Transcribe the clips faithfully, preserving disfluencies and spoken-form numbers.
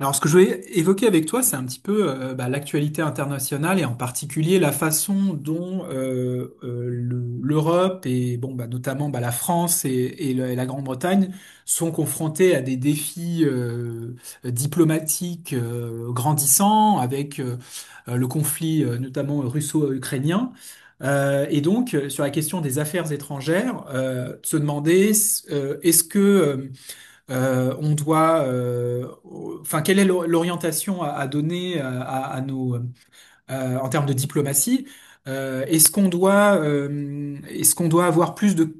Alors, ce que je voulais évoquer avec toi, c'est un petit peu euh, bah, l'actualité internationale et en particulier la façon dont euh, euh, le- l'Europe et bon, bah, notamment bah, la France et, et le- et la Grande-Bretagne sont confrontées à des défis euh, diplomatiques euh, grandissants avec euh, euh, le conflit euh, notamment russo-ukrainien. Euh, et donc, euh, sur la question des affaires étrangères, euh, de se demander euh, est-ce que euh, euh, on doit, euh, au- enfin, quelle est l'or- l'orientation à, à donner à, à- à nos, euh, en termes de diplomatie? Euh, est-ce qu'on doit, euh, est-ce qu'on doit avoir plus de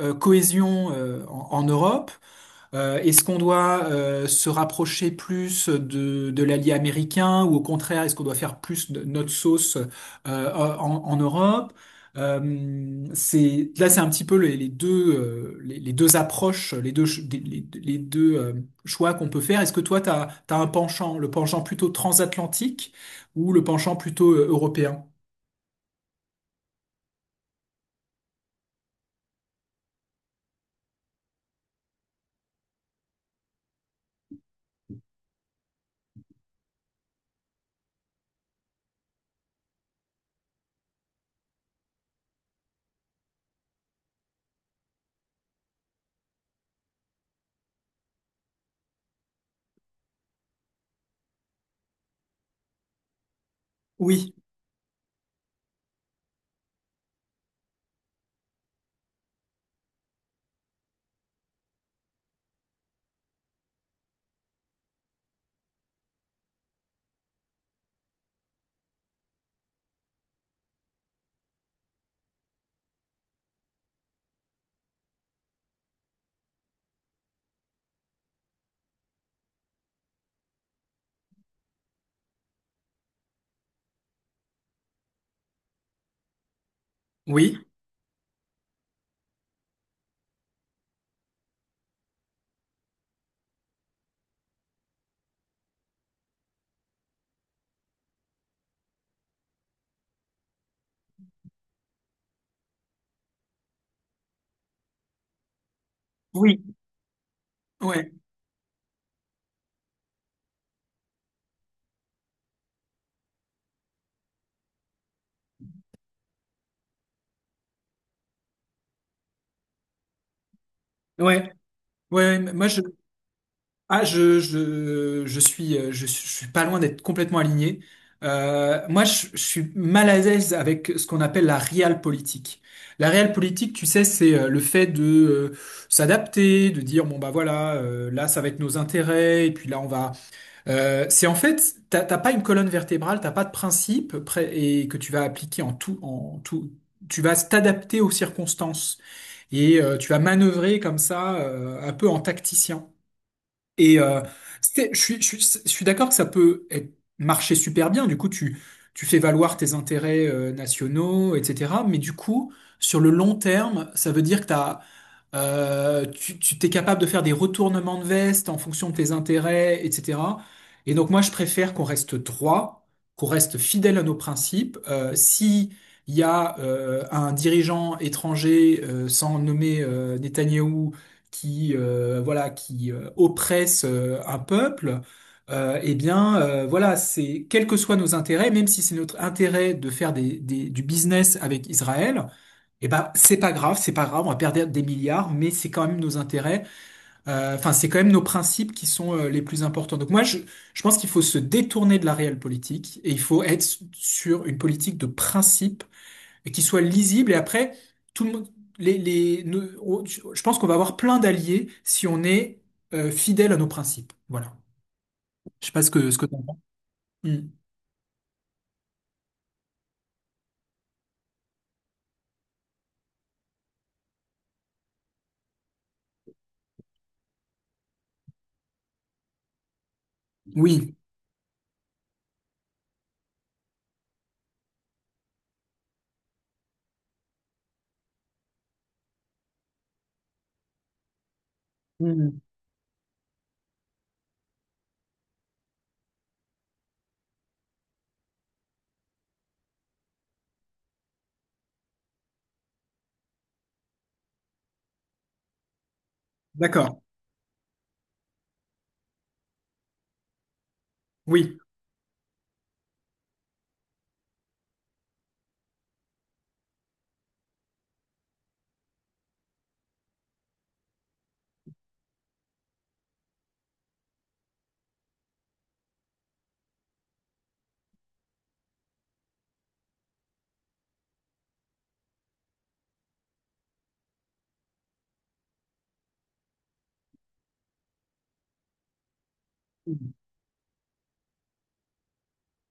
euh, cohésion euh, en, en Europe? Euh, est-ce qu'on doit euh, se rapprocher plus de, de l'allié américain ou au contraire, est-ce qu'on doit faire plus de notre sauce euh, en, en Europe? Euh, c'est, là, c'est un petit peu les, les deux, euh, les, les deux approches, les deux, ch- des- les, les deux euh, choix qu'on peut faire. Est-ce que toi, tu as, un penchant, le penchant plutôt transatlantique ou le penchant plutôt euh, européen? Oui. Oui, oui. Ouais, ouais. Ouais, moi je, Ah, je, je, je suis, euh, je, suis je suis pas loin d'être complètement aligné. Euh, moi, je, je suis mal à l'aise avec ce qu'on appelle la realpolitik. La realpolitik, tu sais, c'est euh, le fait de euh, s'adapter, de dire, bon, bah voilà, euh, là, ça va être nos intérêts, et puis là, on va... Euh, c'est en fait, t'as t'as pas une colonne vertébrale, t'as pas de principe pré- et que tu vas appliquer en tout, en tout. Tu vas t'adapter aux circonstances et euh, tu vas manœuvrer comme ça, euh, un peu en tacticien. Et euh, c'était- je suis, je suis, je suis d'accord que ça peut être- marcher super bien. Du coup, tu, tu fais valoir tes intérêts euh, nationaux, et cetera. Mais du coup, sur le long terme, ça veut dire que t'as, euh, tu, tu t'es capable de faire des retournements de veste en fonction de tes intérêts, et cetera. Et donc, moi, je préfère qu'on reste droit, qu'on reste fidèle à nos principes. Euh, si il y a euh, un dirigeant étranger, euh, sans nommer euh, Netanyahou, qui euh, voilà qui euh, oppresse euh, un peuple euh, eh bien euh, voilà, c'est quels que soient nos intérêts, même si c'est notre intérêt de faire des, des- du business avec Israël, eh ben c'est pas grave, c'est pas grave, on va perdre des milliards, mais c'est quand même nos intérêts, euh, enfin c'est quand même nos principes qui sont euh, les plus importants. Donc moi je je pense qu'il faut se détourner de la réelle politique et il faut être sur une politique de principe et qui soit lisible. Et après, tout le monde, les, les, nous- on- je je pense qu'on va avoir plein d'alliés si on est euh, fidèle à nos principes. Voilà. Je sais pas ce que ce que t'en penses. Hmm. Oui. Hmm. D'accord. Oui.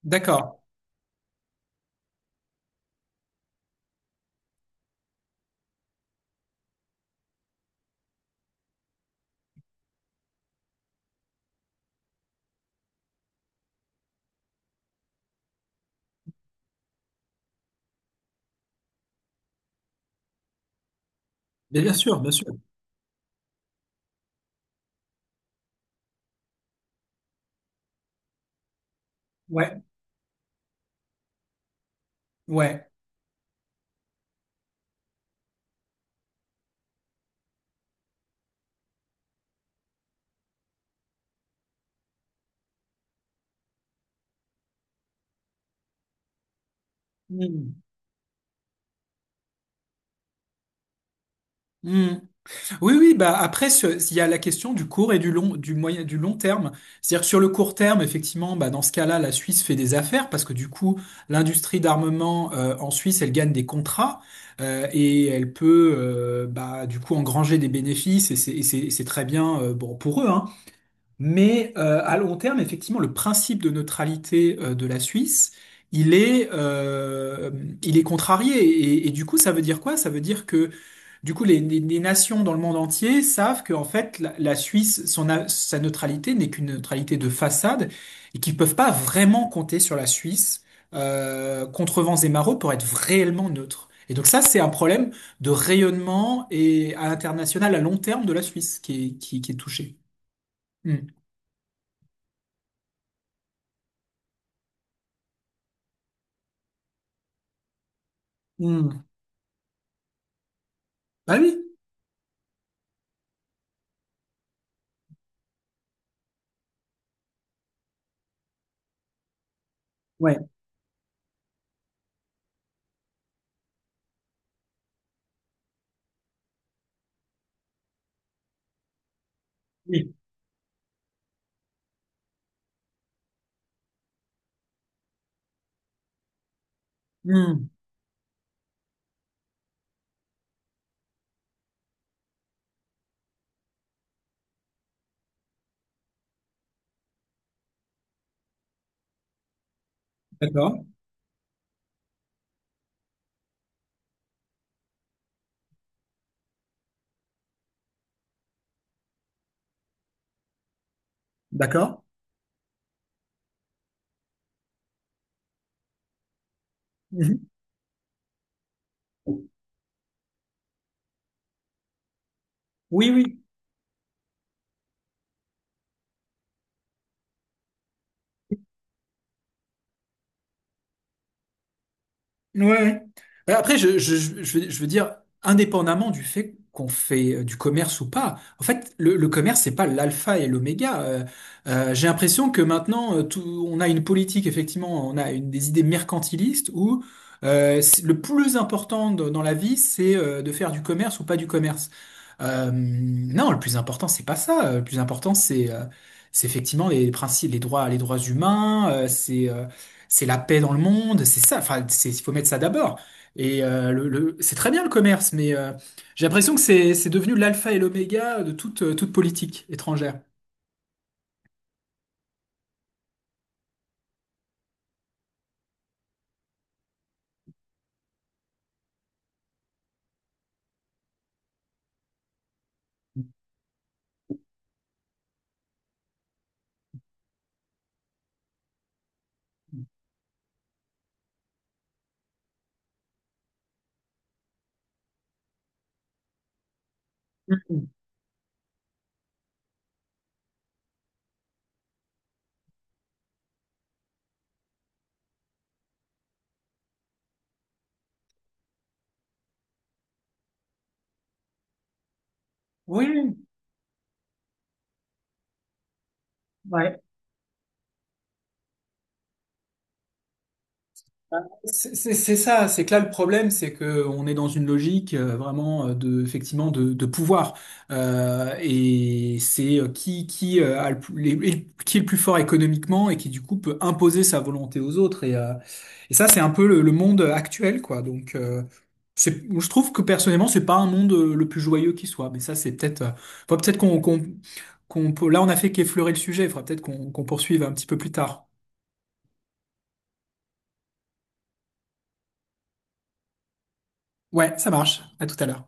D'accord. Mais bien sûr, bien sûr. Ouais. Ouais. Hmm. Hmm. Oui, oui, bah après, ce- il y a la question du court et du long, du moyen, du long terme. C'est-à-dire que sur le court terme, effectivement, bah dans ce cas-là, la Suisse fait des affaires parce que du coup, l'industrie d'armement euh, en Suisse, elle gagne des contrats euh, et elle peut, euh, bah, du coup, engranger des bénéfices et c'est et c'est- et c'est très bien euh, bon pour eux, hein. Mais euh, à long terme, effectivement, le principe de neutralité euh, de la Suisse, il est, euh, il est contrarié, et, et du coup, ça veut dire quoi? Ça veut dire que du coup, les, les- les nations dans le monde entier savent que en fait, la, la Suisse, son, a- sa neutralité n'est qu'une neutralité de façade et qu'ils peuvent pas vraiment compter sur la Suisse euh, contre vents et marées pour être réellement neutre. Et donc ça, c'est un problème de rayonnement et à l'international à long terme de la Suisse qui est, qui, qui est touché. Hmm. Hmm. Ah oui, ouais, oui. Hmm. D'accord, d'accord. Mhm. Oui, oui. Ouais. Mais après, je, je, je, je veux je veux dire, indépendamment du fait qu'on fait euh, du commerce ou pas, en fait, le, le commerce, c'est pas l'alpha et l'oméga. Euh, euh, j'ai l'impression que maintenant, euh, tout, on a une politique, effectivement, on a une, des idées mercantilistes où euh, c'est- le plus important de- dans la vie, c'est euh, de faire du commerce ou pas du commerce. Euh, non, le plus important, c'est pas ça. Euh, Le plus important, c'est euh, c'est effectivement les principes, les droits, les droits humains, euh, c'est euh, c'est la paix dans le monde, c'est ça. Enfin, c'est, il faut mettre ça d'abord. Et euh, le, le- c'est très bien le commerce, mais euh, j'ai l'impression que c'est c'est devenu l'alpha et l'oméga de toute, euh, toute politique étrangère. Oui, ouais. C'est c'est- ça, c'est que là le problème, c'est que on est dans une logique euh, vraiment euh, de effectivement de, de pouvoir. Euh, et c'est euh, qui qui euh, a le, plus- les- les- qui est le plus fort économiquement et qui du coup peut imposer sa volonté aux autres, et euh, et ça c'est un peu le, le monde actuel quoi. donc euh, c'est- je trouve que personnellement c'est pas un monde euh, le plus joyeux qui soit, mais ça c'est peut-être euh, faut peut-être qu'on qu'on qu'on peut- là on a fait qu'effleurer le sujet, il faudra peut-être qu'on qu'on poursuive un petit peu plus tard. Ouais, ça marche. À tout à l'heure.